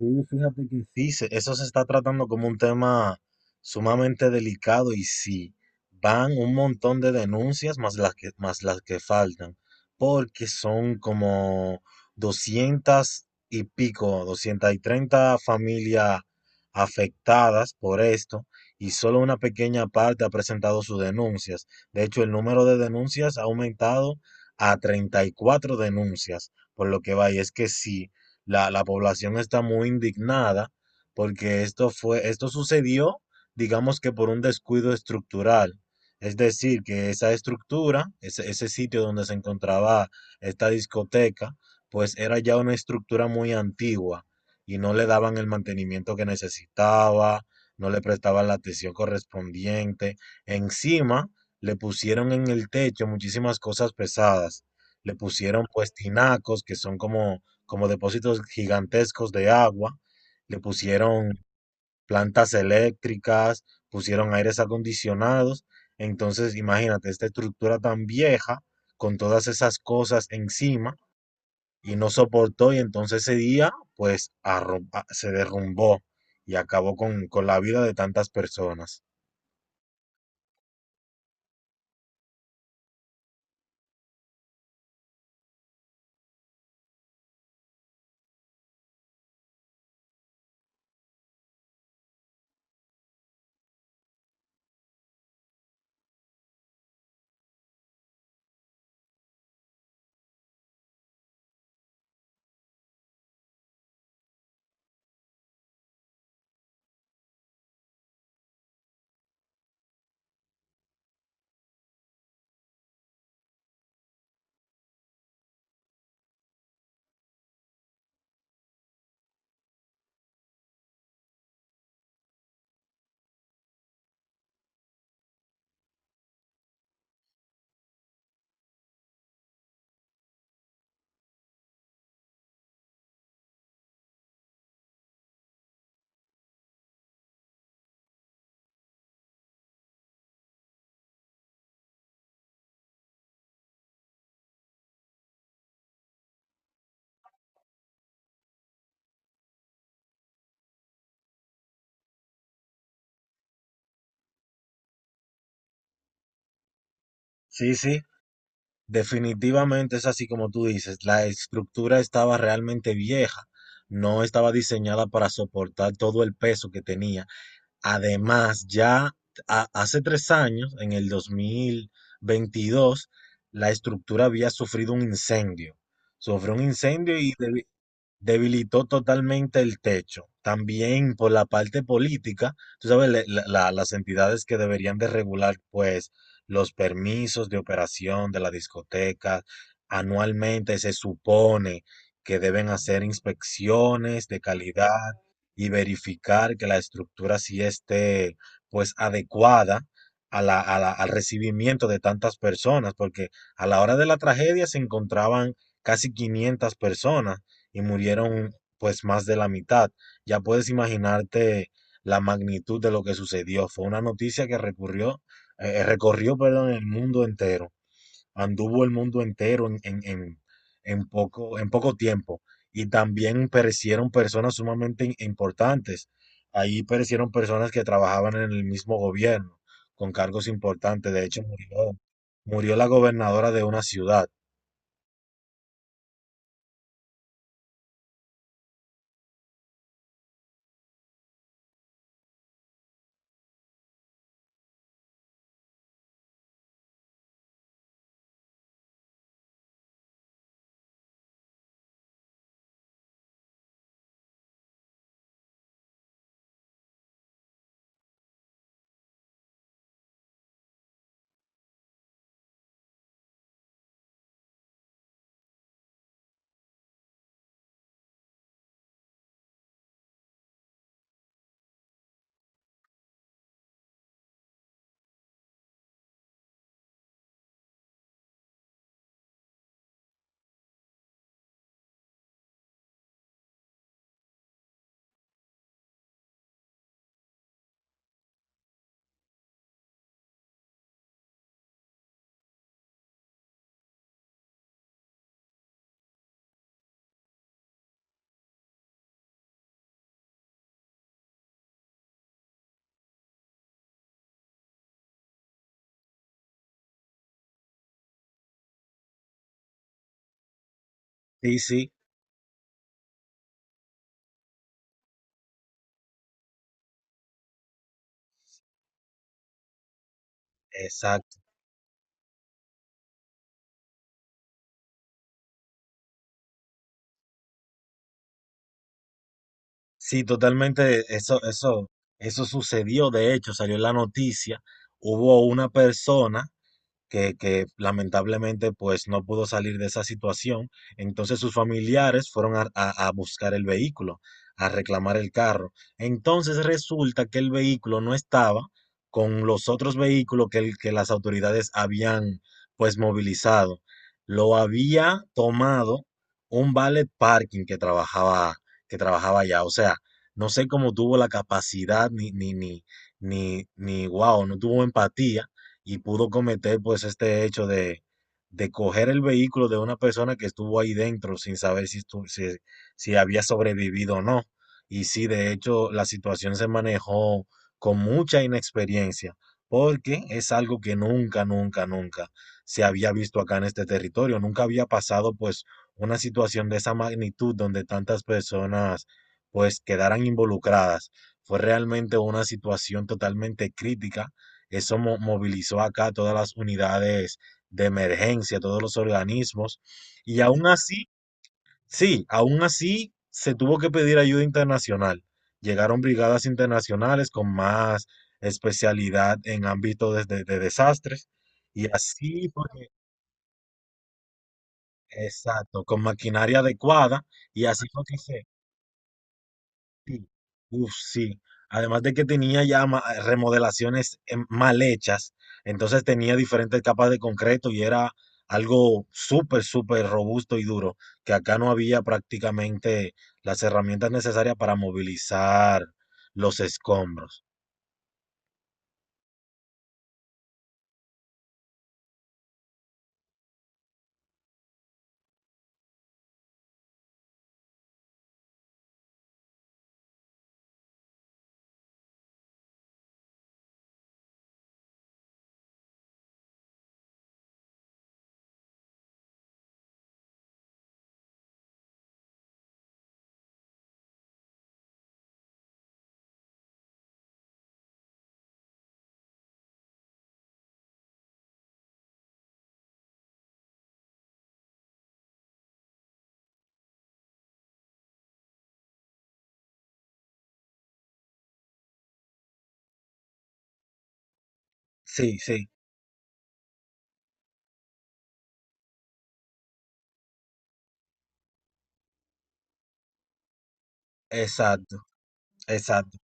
Sí, fíjate que sí, eso se está tratando como un tema sumamente delicado y sí, van un montón de denuncias más las que faltan, porque son como 200 y pico, 230 familias afectadas por esto y solo una pequeña parte ha presentado sus denuncias. De hecho, el número de denuncias ha aumentado a 34 denuncias, por lo que vaya, es que sí la población está muy indignada porque esto fue, esto sucedió, digamos que por un descuido estructural. Es decir, que esa estructura, ese sitio donde se encontraba esta discoteca, pues era ya una estructura muy antigua y no le daban el mantenimiento que necesitaba, no le prestaban la atención correspondiente. Encima, le pusieron en el techo muchísimas cosas pesadas. Le pusieron pues tinacos, que son como depósitos gigantescos de agua, le pusieron plantas eléctricas, pusieron aires acondicionados. Entonces, imagínate, esta estructura tan vieja, con todas esas cosas encima, y no soportó, y entonces ese día, pues, se derrumbó y acabó con la vida de tantas personas. Sí, sí, definitivamente es así como tú dices, la estructura estaba realmente vieja, no estaba diseñada para soportar todo el peso que tenía. Además, ya hace 3 años, en el 2022, la estructura había sufrido un incendio. Sufrió un incendio y debilitó totalmente el techo. También por la parte política, tú sabes, las entidades que deberían de regular, pues, los permisos de operación de la discoteca, anualmente se supone que deben hacer inspecciones de calidad y verificar que la estructura sí esté, pues, adecuada al recibimiento de tantas personas, porque a la hora de la tragedia se encontraban casi 500 personas y murieron pues más de la mitad. Ya puedes imaginarte la magnitud de lo que sucedió. Fue una noticia que recorrió, perdón, el mundo entero. Anduvo el mundo entero en poco tiempo. Y también perecieron personas sumamente importantes. Ahí perecieron personas que trabajaban en el mismo gobierno, con cargos importantes. De hecho, murió la gobernadora de una ciudad. Sí, sí, exacto. Sí, totalmente, eso sucedió, de hecho, salió en la noticia, hubo una persona que lamentablemente pues no pudo salir de esa situación. Entonces sus familiares fueron a buscar el vehículo, a reclamar el carro. Entonces resulta que el vehículo no estaba con los otros vehículos que las autoridades habían pues movilizado. Lo había tomado un valet parking que trabajaba allá. O sea, no sé cómo tuvo la capacidad ni, ni, ni, ni, ni, wow, no tuvo empatía y pudo cometer pues este hecho de coger el vehículo de una persona que estuvo ahí dentro sin saber si, si había sobrevivido o no. Y sí, de hecho, la situación se manejó con mucha inexperiencia, porque es algo que nunca, nunca, nunca se había visto acá en este territorio. Nunca había pasado pues una situación de esa magnitud donde tantas personas pues quedaran involucradas. Fue realmente una situación totalmente crítica. Eso movilizó acá todas las unidades de emergencia, todos los organismos. Y aún así, sí, aún así se tuvo que pedir ayuda internacional. Llegaron brigadas internacionales con más especialidad en ámbito de desastres. Y así fue que exacto, con maquinaria adecuada. Y así fue que se, sí. Uf, sí. Además de que tenía ya remodelaciones mal hechas, entonces tenía diferentes capas de concreto y era algo súper, súper robusto y duro, que acá no había prácticamente las herramientas necesarias para movilizar los escombros. Sí, sí, exacto, exacto.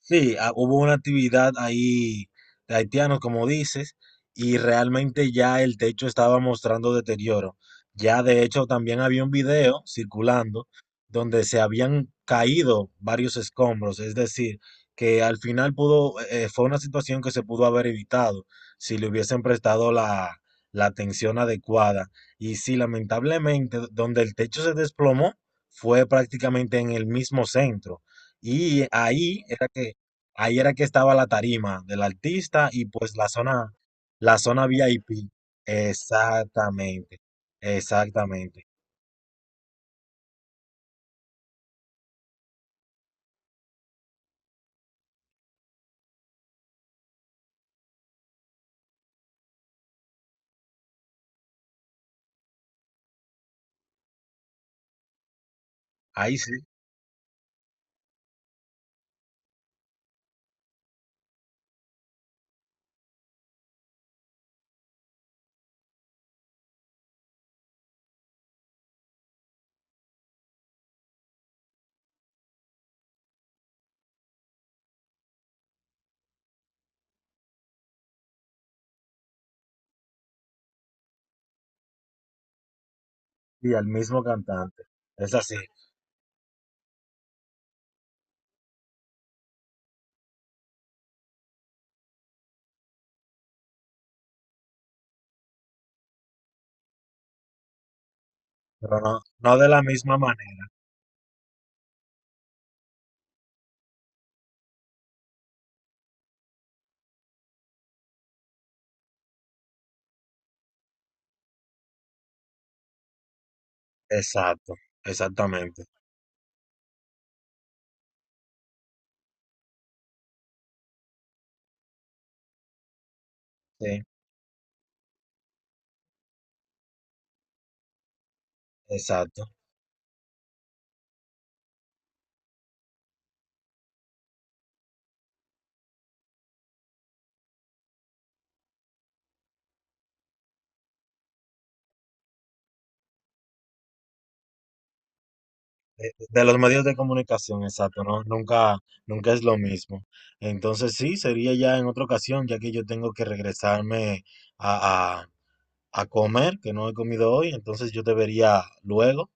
Sí, ah, hubo una actividad ahí de haitianos, como dices, y realmente ya el techo estaba mostrando deterioro. Ya de hecho también había un video circulando donde se habían caído varios escombros, es decir, que al final pudo, fue una situación que se pudo haber evitado si le hubiesen prestado la atención adecuada. Y sí, lamentablemente, donde el techo se desplomó fue prácticamente en el mismo centro. Y ahí era que ahí era que estaba la tarima del artista y pues la zona VIP. Exactamente, exactamente. Ahí sí, y al mismo cantante. Es así, pero no, no de la misma manera. Exacto, exactamente. Sí, exacto. De los medios de comunicación, exacto, ¿no? Nunca, nunca es lo mismo. Entonces sí, sería ya en otra ocasión, ya que yo tengo que regresarme a, a a comer, que no he comido hoy, entonces yo debería luego.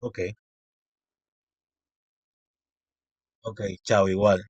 Ok, ok, chao, igual.